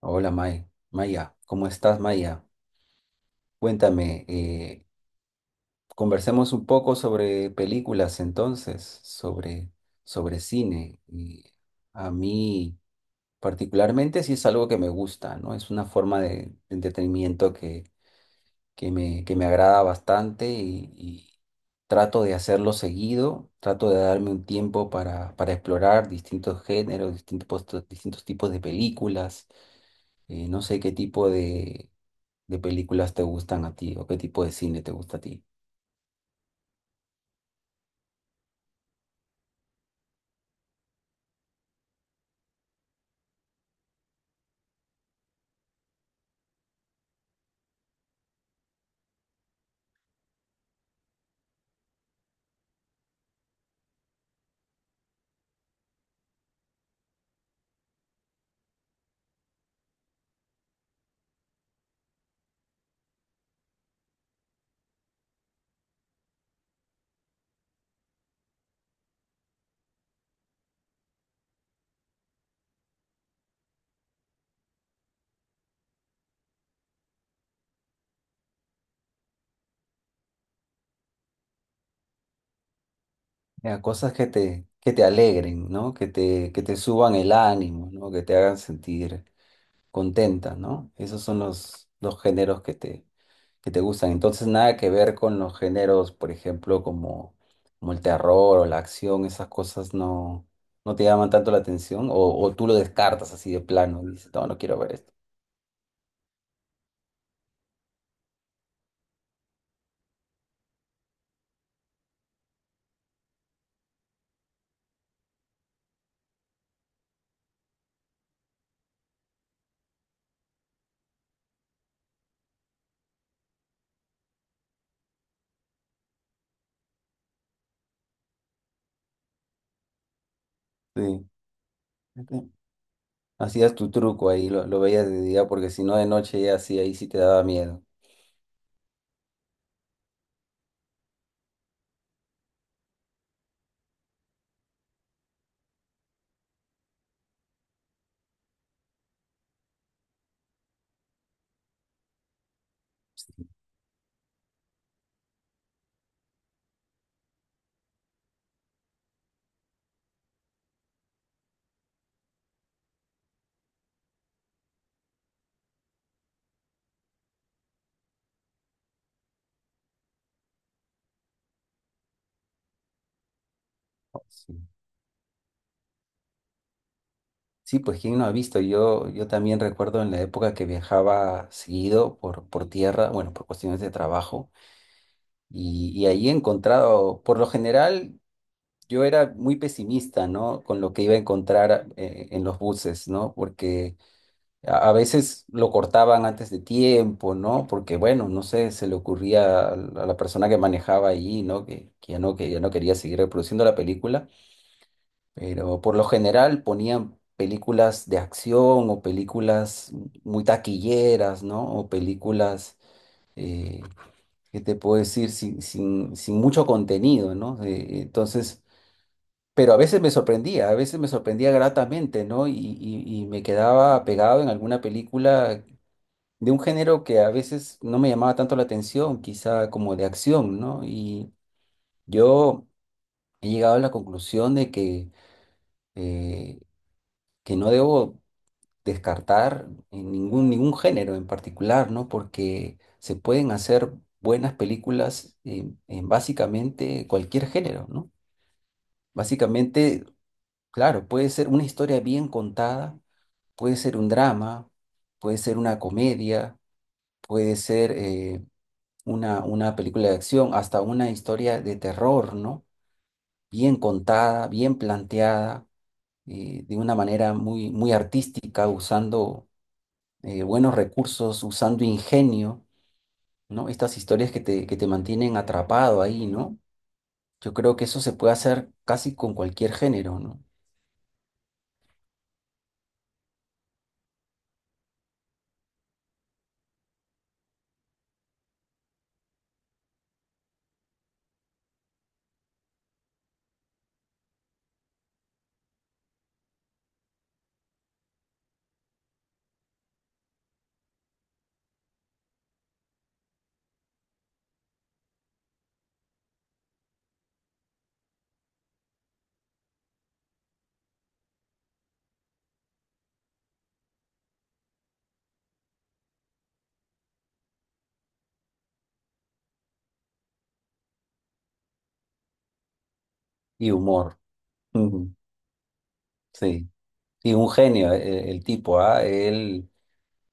Hola May, Maya, ¿cómo estás Maya? Cuéntame, conversemos un poco sobre películas entonces, sobre cine. Y a mí particularmente sí es algo que me gusta, ¿no? Es una forma de entretenimiento que me agrada bastante y trato de hacerlo seguido, trato de darme un tiempo para explorar distintos géneros, distintos tipos de películas. No sé qué tipo de películas te gustan a ti o qué tipo de cine te gusta a ti. Ya, cosas que te alegren, ¿no? Que te suban el ánimo, ¿no? Que te hagan sentir contenta, ¿no? Esos son los géneros que te gustan. Entonces, nada que ver con los géneros, por ejemplo, como el terror o la acción, esas cosas no, no te llaman tanto la atención o tú lo descartas así de plano, dices, no, no quiero ver esto. Sí. Hacías tu truco ahí, lo veías de día, porque si no de noche ya sí, ahí sí te daba miedo. Sí. Oh, Sí, sí, pues quién no ha visto, yo también recuerdo en la época que viajaba seguido por tierra, bueno, por cuestiones de trabajo, y ahí he encontrado, por lo general, yo era muy pesimista, ¿no? Con lo que iba a encontrar en los buses, ¿no? Porque a veces lo cortaban antes de tiempo, ¿no? Porque, bueno, no sé, se le ocurría a la persona que manejaba allí, ¿no? Que, que ya no quería seguir reproduciendo la película, pero por lo general ponían películas de acción o películas muy taquilleras, ¿no? O películas, eh, ¿qué te puedo decir? Sin mucho contenido, ¿no? Entonces... Pero a veces me sorprendía, a veces me sorprendía gratamente, ¿no? Y, y me quedaba pegado en alguna película de un género que a veces no me llamaba tanto la atención, quizá como de acción, ¿no? Y yo he llegado a la conclusión de eh, que no debo descartar en ningún género en particular, ¿no? Porque se pueden hacer buenas películas en básicamente cualquier género, ¿no? Básicamente, claro, puede ser una historia bien contada, puede ser un drama, puede ser una comedia, puede ser una película de acción, hasta una historia de terror, ¿no? Bien contada, bien planteada, de una manera muy artística, usando buenos recursos, usando ingenio, ¿no? Estas historias que te mantienen atrapado ahí, ¿no? Yo creo que eso se puede hacer casi con cualquier género, ¿no? Y humor. Ujú, sí. Y un genio, el, tipo, ¿ah? Él...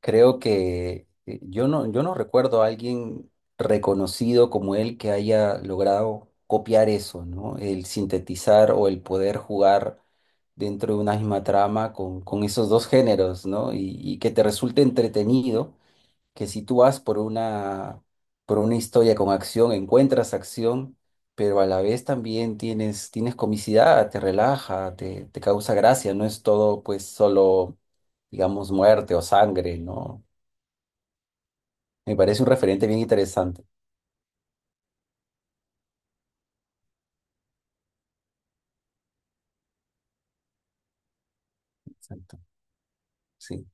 Creo que yo no recuerdo a alguien reconocido como él que haya logrado copiar eso, ¿no? El sintetizar o el poder jugar dentro de una misma trama con esos dos géneros, ¿no? Y que te resulte entretenido, que si tú vas por una historia con acción, encuentras acción, pero a la vez también tienes comicidad, te relaja, te causa gracia, no es todo pues solo, digamos, muerte o sangre, ¿no? Me parece un referente bien interesante. Exacto. Sí.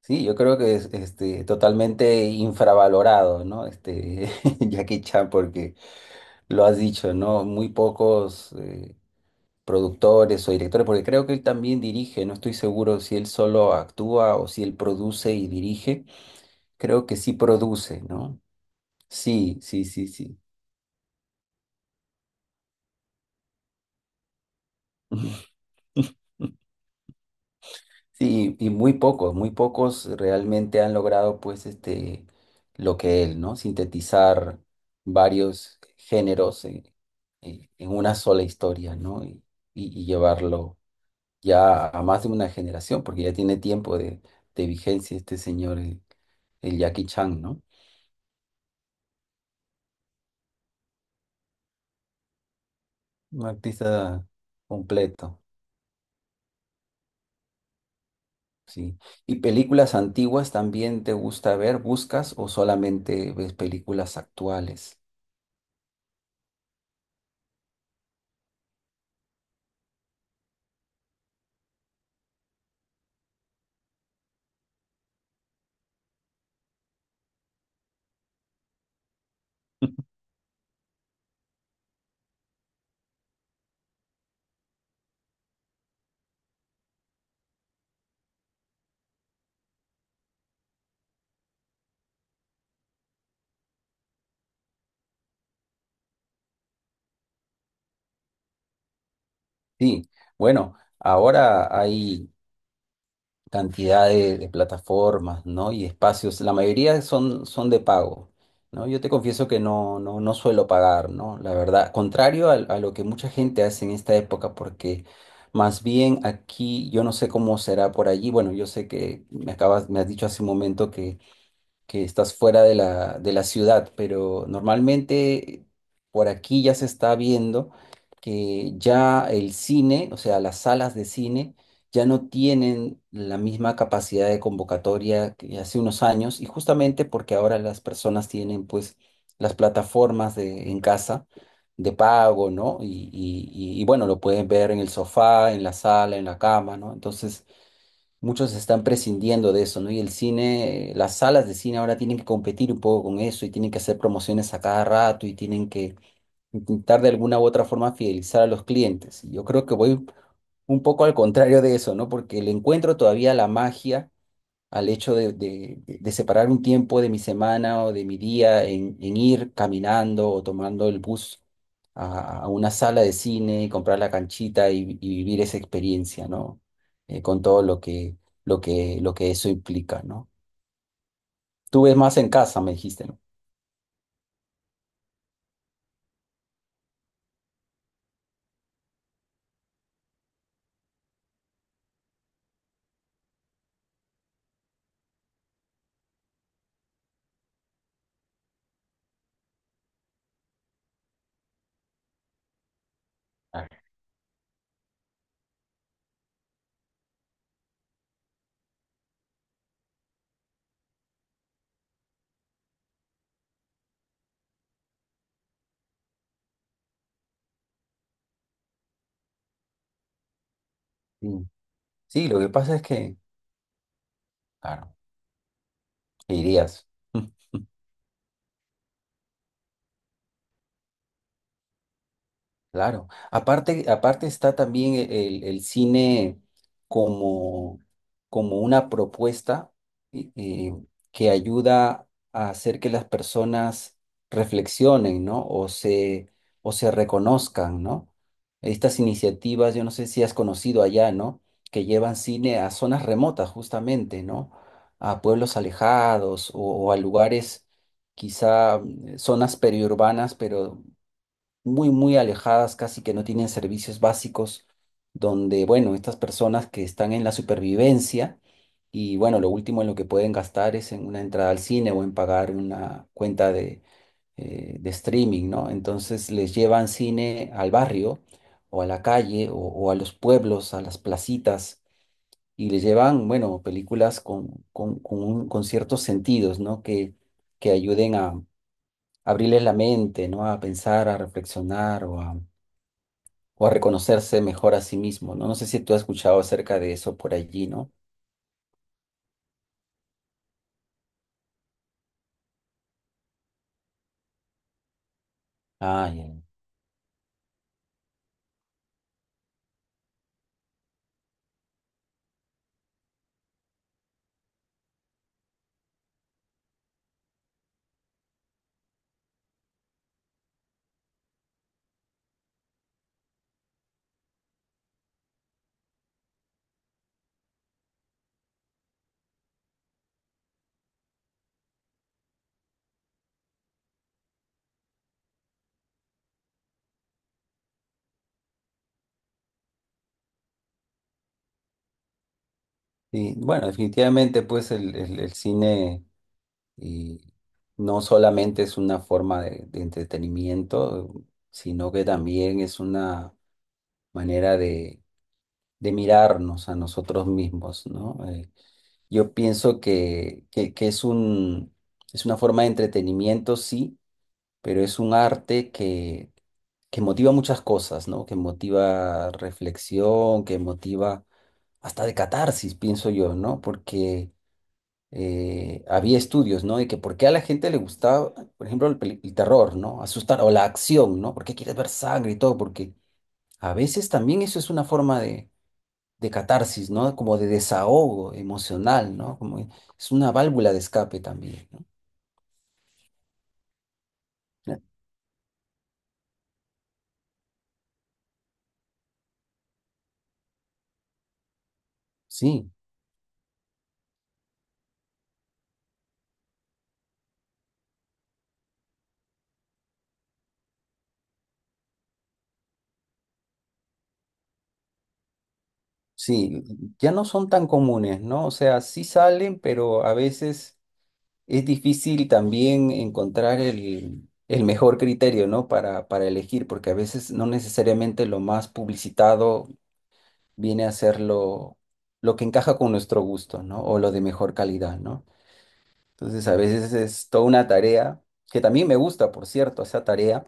Sí, yo creo que es este, totalmente infravalorado, ¿no? Este, Jackie Chan, porque lo has dicho, ¿no? Muy pocos productores o directores, porque creo que él también dirige, no estoy seguro si él solo actúa o si él produce y dirige. Creo que sí produce, ¿no? Sí, sí, sí, sí. Sí, y muy pocos realmente han logrado pues este lo que él, ¿no? Sintetizar varios géneros en, en una sola historia, ¿no? Y, y llevarlo ya a más de una generación, porque ya tiene tiempo de vigencia este señor, el Jackie Chan, ¿no? Un artista completo, sí. ¿Y películas antiguas también te gusta ver, buscas o solamente ves películas actuales? Sí, bueno, ahora hay cantidad de plataformas, ¿no? Y espacios, la mayoría son, son de pago, ¿no? Yo te confieso que no suelo pagar, ¿no? La verdad, contrario a lo que mucha gente hace en esta época, porque más bien aquí, yo no sé cómo será por allí, bueno, yo sé que me acabas, me has dicho hace un momento que estás fuera de la ciudad, pero normalmente por aquí ya se está viendo que ya el cine, o sea, las salas de cine, ya no tienen la misma capacidad de convocatoria que hace unos años, y justamente porque ahora las personas tienen pues las plataformas de, en casa de pago, ¿no? Y bueno, lo pueden ver en el sofá, en la sala, en la cama, ¿no? Entonces... Muchos están prescindiendo de eso, ¿no? Y el cine, las salas de cine ahora tienen que competir un poco con eso y tienen que hacer promociones a cada rato y tienen que intentar de alguna u otra forma fidelizar a los clientes. Y yo creo que voy un poco al contrario de eso, ¿no? Porque le encuentro todavía la magia al hecho separar un tiempo de mi semana o de mi día en ir caminando o tomando el bus a una sala de cine y comprar la canchita y vivir esa experiencia, ¿no? Con todo lo lo que eso implica, ¿no? Tú ves más en casa, me dijiste, ¿no? Claro. Sí. Sí, lo que pasa es que, claro, ¿qué dirías? Claro. Aparte, aparte está también el cine como, como una propuesta eh, eh, que ayuda a hacer que las personas reflexionen, ¿no? O se reconozcan, ¿no? Estas iniciativas, yo no sé si has conocido allá, ¿no? Que llevan cine a zonas remotas, justamente, ¿no? A pueblos alejados o a lugares, quizá zonas periurbanas, pero muy, muy alejadas, casi que no tienen servicios básicos, donde, bueno, estas personas que están en la supervivencia y, bueno, lo último en lo que pueden gastar es en una entrada al cine o en pagar una cuenta de streaming, ¿no? Entonces les llevan cine al barrio o a la calle o a los pueblos, a las placitas. Y les llevan, bueno, películas con un- con ciertos sentidos, ¿no? Que ayuden a abrirles la mente, ¿no? A pensar, a reflexionar o a reconocerse mejor a sí mismo, ¿no? No sé si tú has escuchado acerca de eso por allí, ¿no? Ah, ya. Y bueno, definitivamente, pues el, el cine y no solamente es una forma de entretenimiento, sino que también es una manera de mirarnos a nosotros mismos, ¿no? Yo pienso que es es una forma de entretenimiento, sí, pero es un arte que motiva muchas cosas, ¿no? Que motiva reflexión, que motiva hasta de catarsis, pienso yo, ¿no? Porque había estudios, ¿no? De que por qué a la gente le gustaba, por ejemplo, el, el terror, ¿no? Asustar o la acción, ¿no? ¿Por qué quieres ver sangre y todo? Porque a veces también eso es una forma de catarsis, ¿no? Como de desahogo emocional, ¿no? Como es una válvula de escape también, ¿no? Ya. Sí, sí, ya no son tan comunes, ¿no? O sea, sí salen, pero a veces... Es difícil también encontrar el mejor criterio, ¿no? Para elegir, porque a veces no necesariamente lo más publicitado viene a ser lo que encaja con nuestro gusto, ¿no? O lo de mejor calidad, ¿no? Entonces a veces es toda una tarea, que también me gusta, por cierto, esa tarea,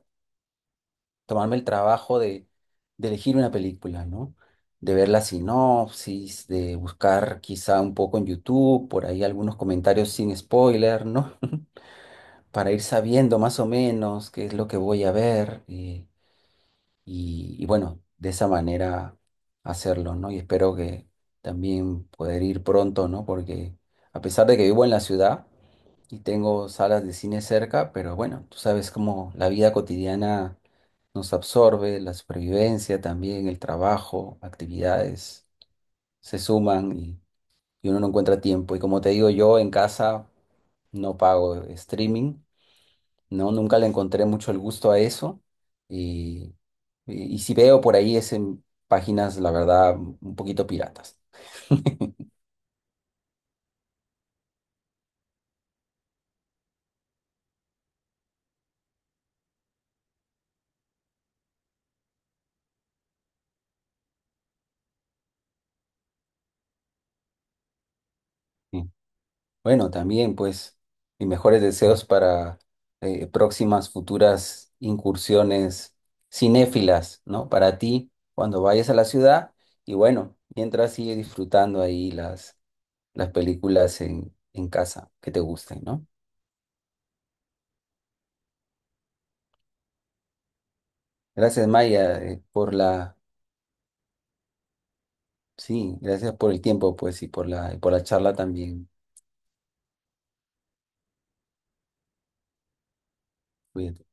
tomarme el trabajo de elegir una película, ¿no? De ver la sinopsis, de buscar quizá un poco en YouTube, por ahí algunos comentarios sin spoiler, ¿no? Para ir sabiendo más o menos qué es lo que voy a ver, y bueno, de esa manera hacerlo, ¿no? Y espero que también poder ir pronto, ¿no? Porque a pesar de que vivo en la ciudad y tengo salas de cine cerca, pero bueno, tú sabes cómo la vida cotidiana nos absorbe, la supervivencia también, el trabajo, actividades se suman y uno no encuentra tiempo. Y como te digo, yo en casa no pago streaming. No, nunca le encontré mucho el gusto a eso. Y, y si veo por ahí es en páginas, la verdad, un poquito piratas. Sí. Bueno, también pues mis mejores deseos para próximas futuras incursiones cinéfilas, ¿no? Para ti cuando vayas a la ciudad y bueno, mientras sigue disfrutando ahí las películas en casa que te gusten, ¿no? Gracias Maya por la... Sí, gracias por el tiempo, pues, y por y por la charla también. Cuídate.